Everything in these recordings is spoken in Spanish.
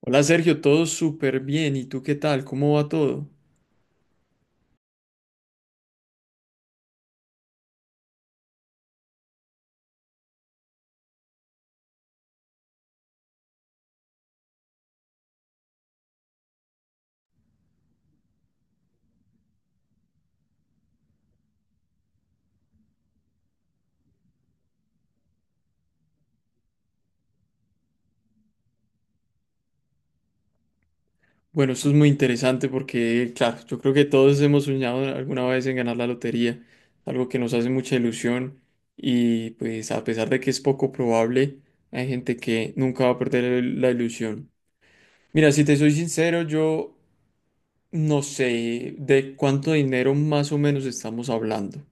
Hola Sergio, todo súper bien. ¿Y tú qué tal? ¿Cómo va todo? Bueno, eso es muy interesante porque, claro, yo creo que todos hemos soñado alguna vez en ganar la lotería, algo que nos hace mucha ilusión y pues a pesar de que es poco probable, hay gente que nunca va a perder la ilusión. Mira, si te soy sincero, yo no sé de cuánto dinero más o menos estamos hablando.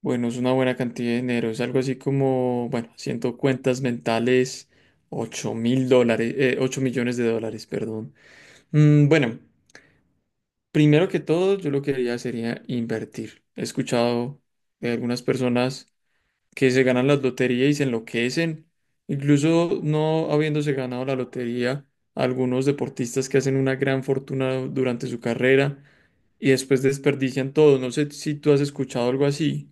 Bueno, es una buena cantidad de dinero. Es algo así como, bueno, haciendo cuentas mentales, $8.000, 8 millones de dólares, perdón. Mm, bueno, Primero que todo, yo lo que haría sería invertir. He escuchado de algunas personas que se ganan las loterías y se enloquecen. Incluso no habiéndose ganado la lotería, algunos deportistas que hacen una gran fortuna durante su carrera y después desperdician todo. No sé si tú has escuchado algo así.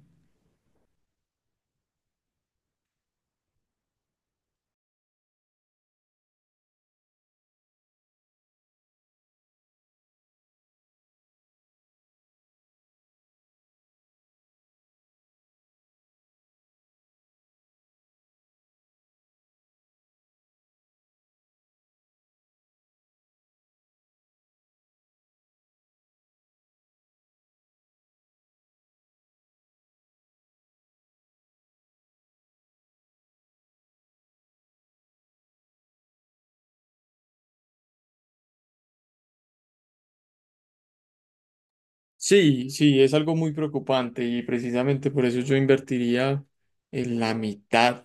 Sí, sí, es algo muy preocupante y precisamente por eso yo invertiría en la mitad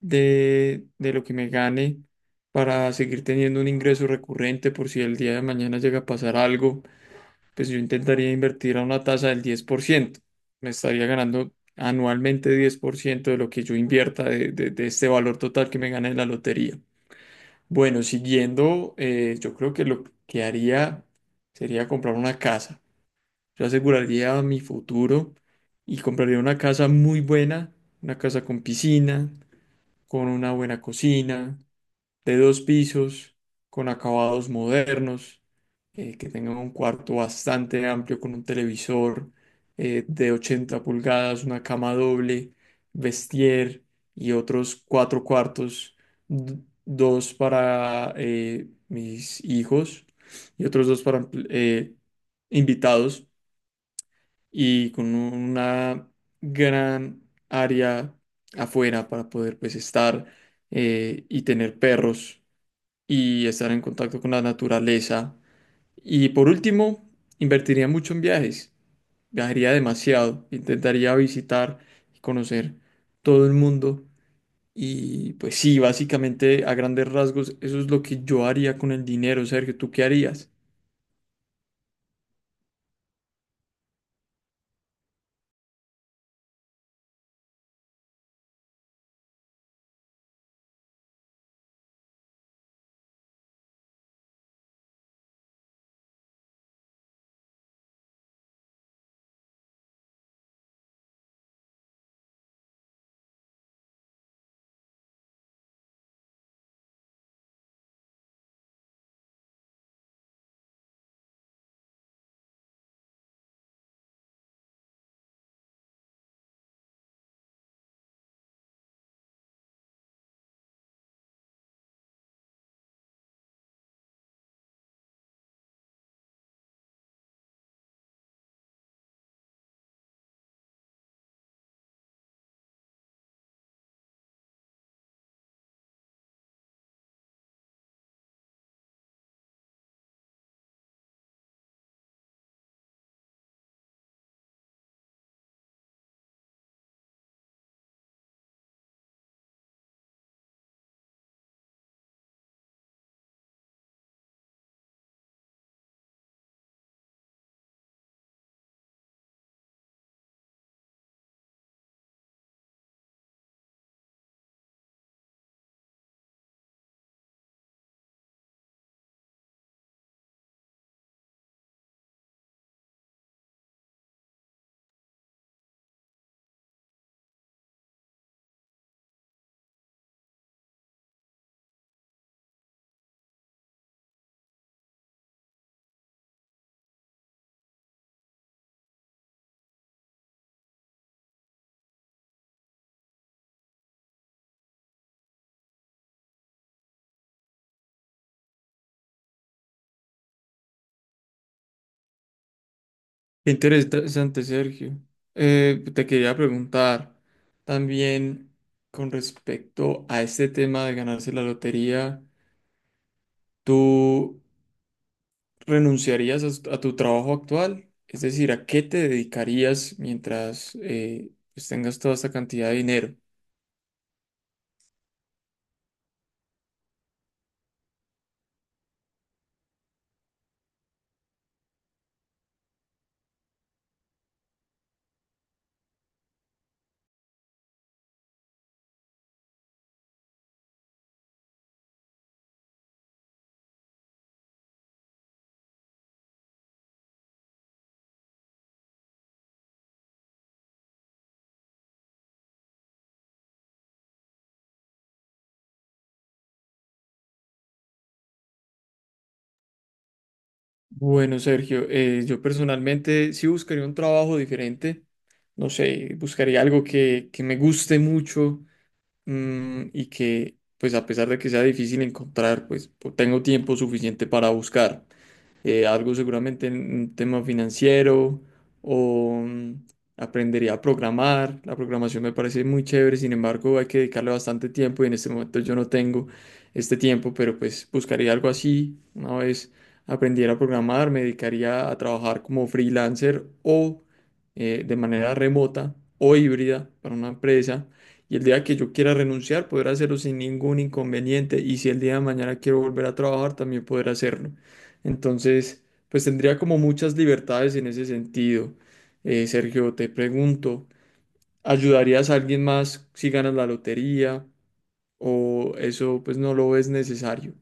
de lo que me gane para seguir teniendo un ingreso recurrente por si el día de mañana llega a pasar algo, pues yo intentaría invertir a una tasa del 10%. Me estaría ganando anualmente 10% de lo que yo invierta de este valor total que me gane en la lotería. Bueno, siguiendo, yo creo que lo que haría sería comprar una casa. Yo aseguraría mi futuro y compraría una casa muy buena, una casa con piscina, con una buena cocina, de dos pisos, con acabados modernos, que tenga un cuarto bastante amplio con un televisor de 80 pulgadas, una cama doble, vestier y otros cuatro cuartos, dos para mis hijos y otros dos para invitados y con una gran área afuera para poder pues estar y tener perros y estar en contacto con la naturaleza. Y por último, invertiría mucho en viajes, viajaría demasiado, intentaría visitar y conocer todo el mundo. Y pues sí, básicamente a grandes rasgos, eso es lo que yo haría con el dinero, Sergio, ¿tú qué harías? Qué interesante, Sergio. Te quería preguntar también con respecto a este tema de ganarse la lotería, ¿tú renunciarías a tu trabajo actual? Es decir, ¿a qué te dedicarías mientras pues tengas toda esta cantidad de dinero? Bueno, Sergio, yo personalmente sí buscaría un trabajo diferente. No sé, buscaría algo que me guste mucho, y que pues a pesar de que sea difícil encontrar, pues tengo tiempo suficiente para buscar algo seguramente en un tema financiero o aprendería a programar. La programación me parece muy chévere, sin embargo hay que dedicarle bastante tiempo y en este momento yo no tengo este tiempo, pero pues buscaría algo así. Una vez aprendiera a programar, me dedicaría a trabajar como freelancer o de manera remota o híbrida para una empresa. Y el día que yo quiera renunciar, poder hacerlo sin ningún inconveniente. Y si el día de mañana quiero volver a trabajar, también poder hacerlo. Entonces, pues tendría como muchas libertades en ese sentido. Sergio, te pregunto, ¿ayudarías a alguien más si ganas la lotería? ¿O eso pues no lo ves necesario?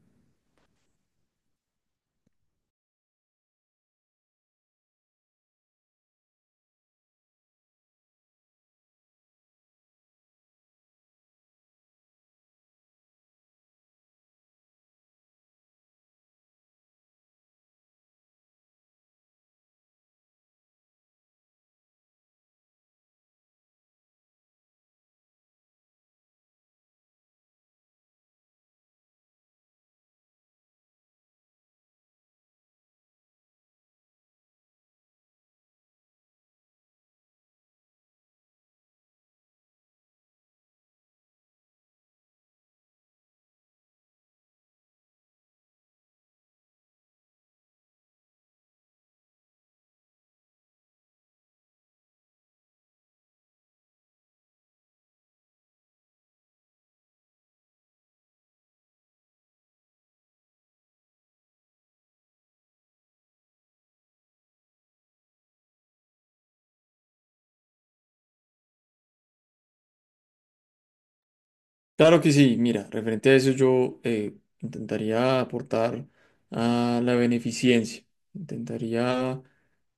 Claro que sí, mira, referente a eso yo, intentaría aportar a la beneficencia. Intentaría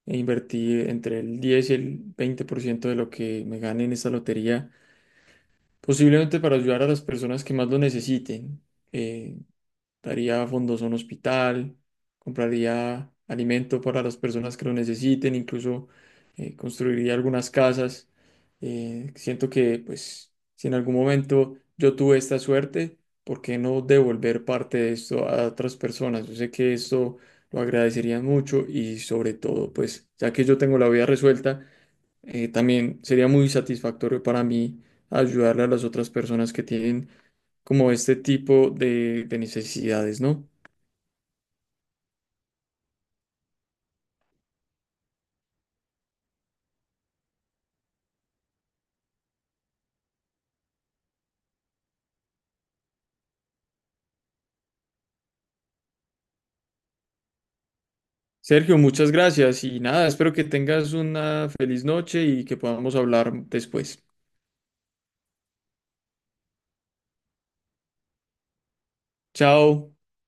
invertir entre el 10 y el 20% de lo que me gane en esta lotería, posiblemente para ayudar a las personas que más lo necesiten. Eh, Daría fondos a un hospital, compraría alimento para las personas que lo necesiten, incluso construiría algunas casas. Siento que, pues, si en algún momento yo tuve esta suerte, ¿por qué no devolver parte de esto a otras personas? Yo sé que esto lo agradecerían mucho y sobre todo, pues, ya que yo tengo la vida resuelta, también sería muy satisfactorio para mí ayudarle a las otras personas que tienen como este tipo de necesidades, ¿no? Sergio, muchas gracias y nada, espero que tengas una feliz noche y que podamos hablar después. Chao.